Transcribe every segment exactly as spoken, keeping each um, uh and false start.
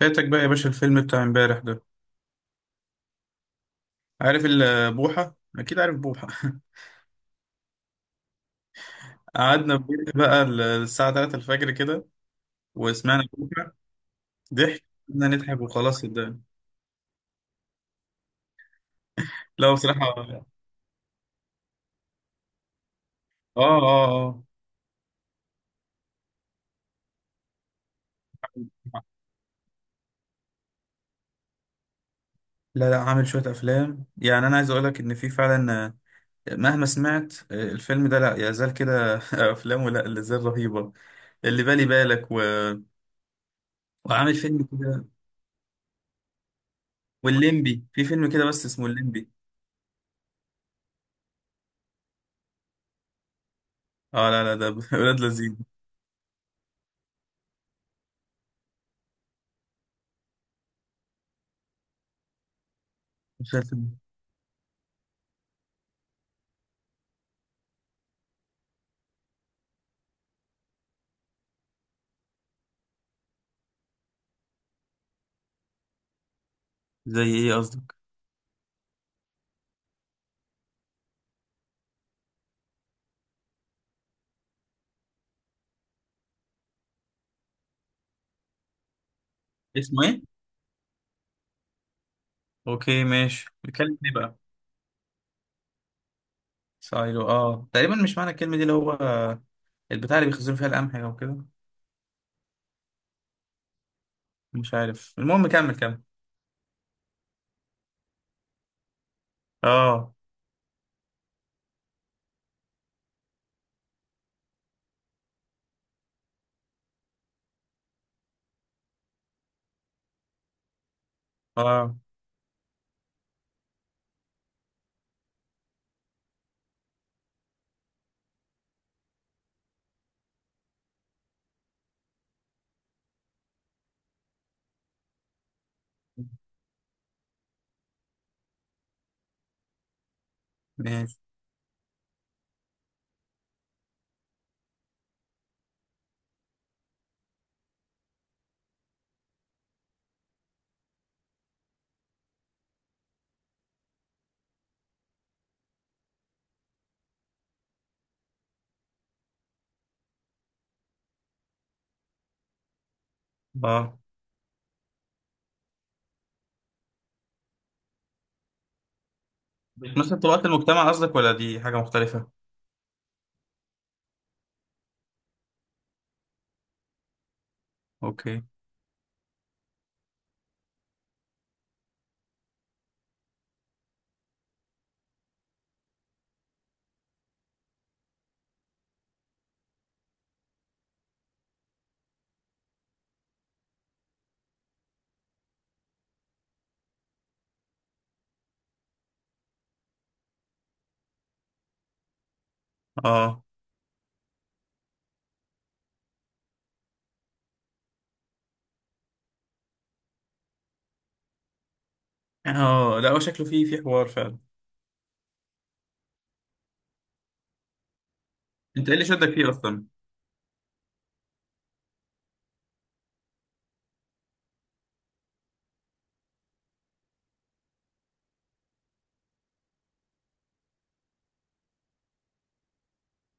فاتك بقى يا باشا الفيلم بتاع امبارح ده. عارف ال- بوحة، اكيد عارف بوحة. قعدنا في بيت بقى ال- الساعة تلاتة الفجر كده وسمعنا بوحة ضحك. قعدنا نضحك وخلاص صدقني. لا بصراحة اه اه اه. لا لا، عامل شوية افلام، يعني انا عايز اقول لك ان في فعلا، آه، مهما سمعت، آه، الفيلم ده لا يزال كده. افلامه لا لا زال رهيبة. اللي بالي بالك و... وعامل فيلم كده. والليمبي في فيلم كده بس اسمه الليمبي. اه، لا لا ده ولاد لذيذ. مش عارف. زي ايه قصدك؟ اسمه ايه؟ اوكي ماشي، بيتكلم ايه بقى؟ سايلو، اه تقريبا مش معنى الكلمة دي اللي هو البتاع اللي بيخزنوا فيها القمح او كده. مش عارف المهم كمل كمل. اه. اه ماشي. اه. نفس طبقات المجتمع قصدك ولا دي حاجة مختلفة؟ اوكي. اه اه. لا هو شكله فيه فيه حوار فعلا. انت ايه اللي شدك فيه اصلا؟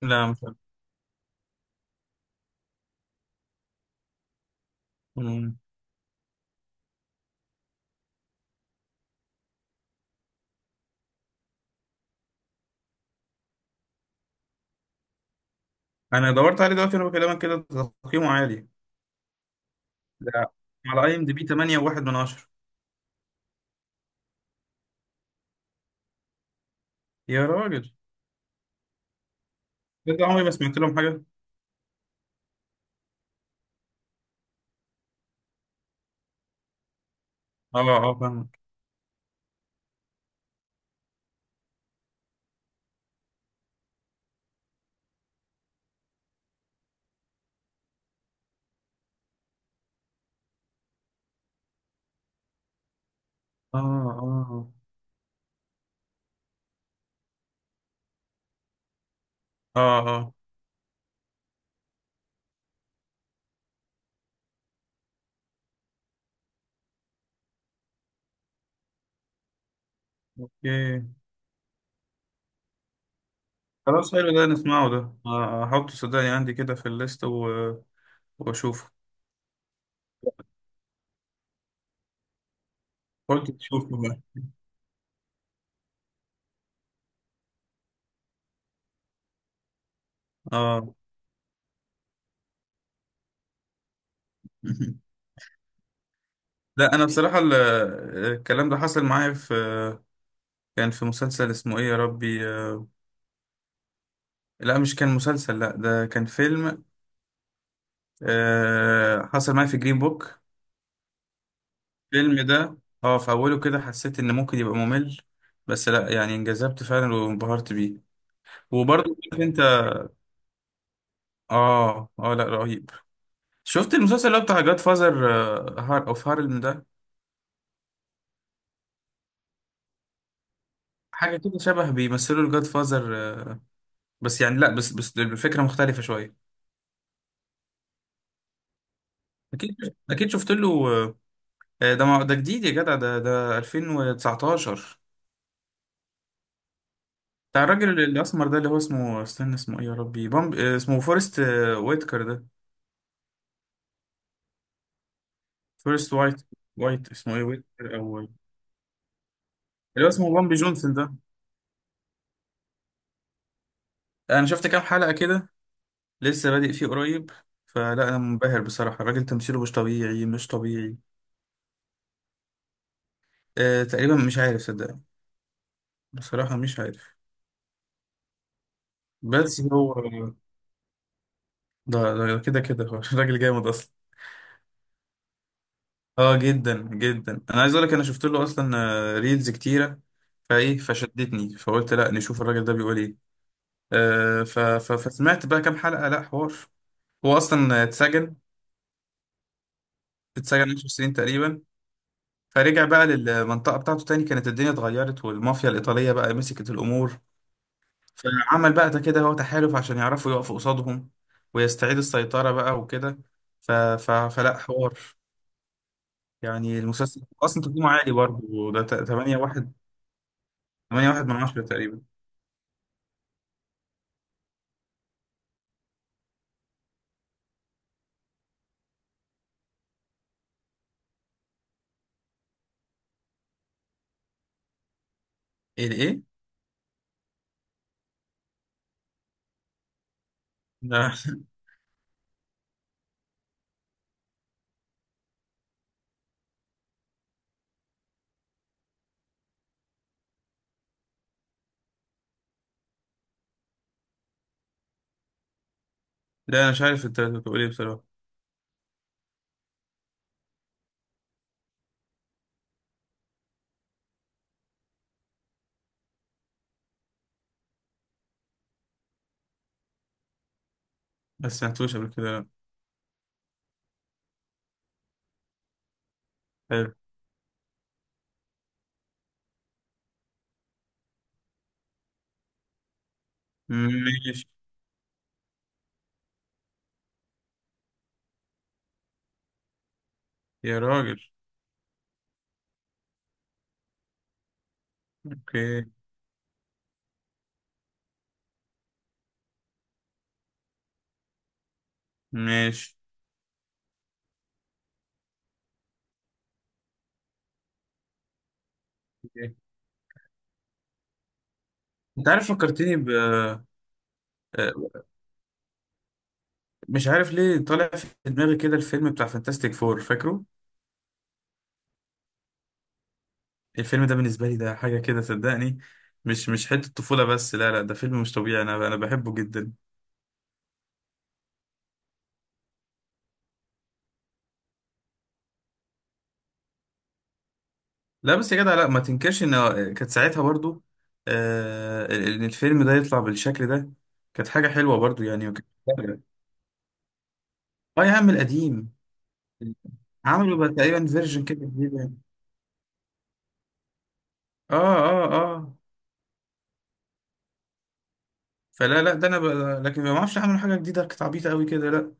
لا مش عارف. مم. انا دورت عليه دلوقتي وانا بكلمك كده. تقييمه عالي. لا، على اي ام دي بي تمانية وواحد من عشرة. يا راجل، ده عمري ما سمعت لهم حاجة. اه اه فاهم. اه اه. اه اه. اوكي. خلاص حلو ده نسمعه ده، آه، احطه صدقني عندي كده في الليست و... واشوفه. قلت تشوفه بقى. اه. لا انا بصراحة ال- الكلام ده حصل معايا في، كان في مسلسل اسمه ايه يا ربي، آه، لا مش كان مسلسل، لا ده كان فيلم. آه، حصل معايا في جرين بوك. الفيلم ده، اه في اوله كده حسيت ان ممكن يبقى ممل، بس لا يعني انجذبت فعلا وانبهرت بيه. وبرضه عارف انت. اه اه، لا رهيب. شفت المسلسل اللي هو بتاع جاد فازر، هار اوف هارلم ده؟ حاجه كده شبه بيمثلوا الجاد فازر، بس يعني لا، بس بس الفكره مختلفه شويه. اكيد اكيد شفت له، آه، ده ما- ده جديد يا جدع، ده ده ألفين وتسعة عشر. بتاع الراجل الاسمر ده اللي هو اسمه، استنى اسمه ايه يا ربي، بامب، آه، اسمه فورست، آه، ويتكر ده. فورست وايت. وايت اسمه ايه، ويتكر او. اللي هو اسمه بامبي جونسون ده. انا شفت كام حلقه كده، لسه بادئ فيه قريب، فلا انا منبهر بصراحه، الراجل تمثيله مش طبيعي، مش طبيعي. آه تقريبا، مش عارف صدقني، بصراحة مش عارف. بس هو، ده ده كده كده هو راجل جامد أصلا. اه جدا جدا، انا عايز اقول لك انا شفت له اصلا، آه، ريلز كتيره، فايه فشدتني فقلت لا نشوف الراجل ده بيقول ايه. آه، ف ف فسمعت بقى كام حلقه، لا حوار. هو اصلا اتسجن، اتسجن عشر سنين تقريبا. فرجع بقى للمنطقه بتاعته تاني، كانت الدنيا اتغيرت والمافيا الايطاليه بقى مسكت الامور. فعمل بقى ده كده هو تحالف عشان يعرفوا يقفوا قصادهم ويستعيد السيطرة بقى وكده. ف... ف... فلا حوار، يعني المسلسل أصلا تقييمه عالي برضه ده، ت- تمانية واحد، تمانية واحد من عشرة تقريبا. إيه ده إيه؟ لا لا أنا مش عارف أنت بتقول إيه بصراحة. ما سمعتوش قبل كده، لا. حلو. ماشي. يا راجل. أوكي. ماشي. أوكي. أنت عارف فكرتني ب... آه، مش عارف ليه طالع في دماغي كده الفيلم بتاع فانتاستيك فور فاكره؟ الفيلم ده بالنسبة لي ده حاجة كده صدقني، مش مش حتة طفولة بس، لا لا ده فيلم مش طبيعي، أنا أنا بحبه جدا. لا بس يا جدع، لا ما تنكرش إن، آه، كانت ساعتها برضو، آه إن الفيلم ده يطلع بالشكل ده كانت حاجة حلوة برضو يعني، وكانت-. آه. يا عم القديم، عملوا بقى تقريبا فيرجن كده جديد يعني. آه آه آه. فلا لا ده أنا ب... لكن ما أعرفش، عملوا حاجة جديدة كانت عبيطة قوي كده، لا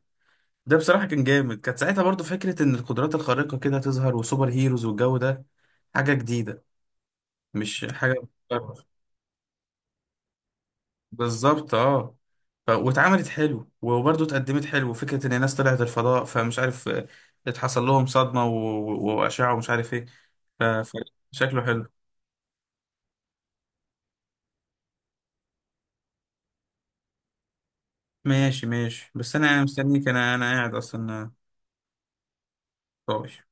ده بصراحة كان جامد، كانت ساعتها برضو فكرة إن القدرات الخارقة كده تظهر وسوبر هيروز والجو ده حاجة جديدة، مش حاجة بتتكرر. بالظبط اه. ف... واتعملت حلو، وبرضه اتقدمت حلو فكرة ان الناس طلعت الفضاء، فمش عارف، آه، اتحصل لهم صدمة و... و- وأشعة ومش عارف ايه. ف... فشكله حلو. ماشي ماشي، بس انا يعني مستنيك، انا انا قاعد اصلا، آه، طوش.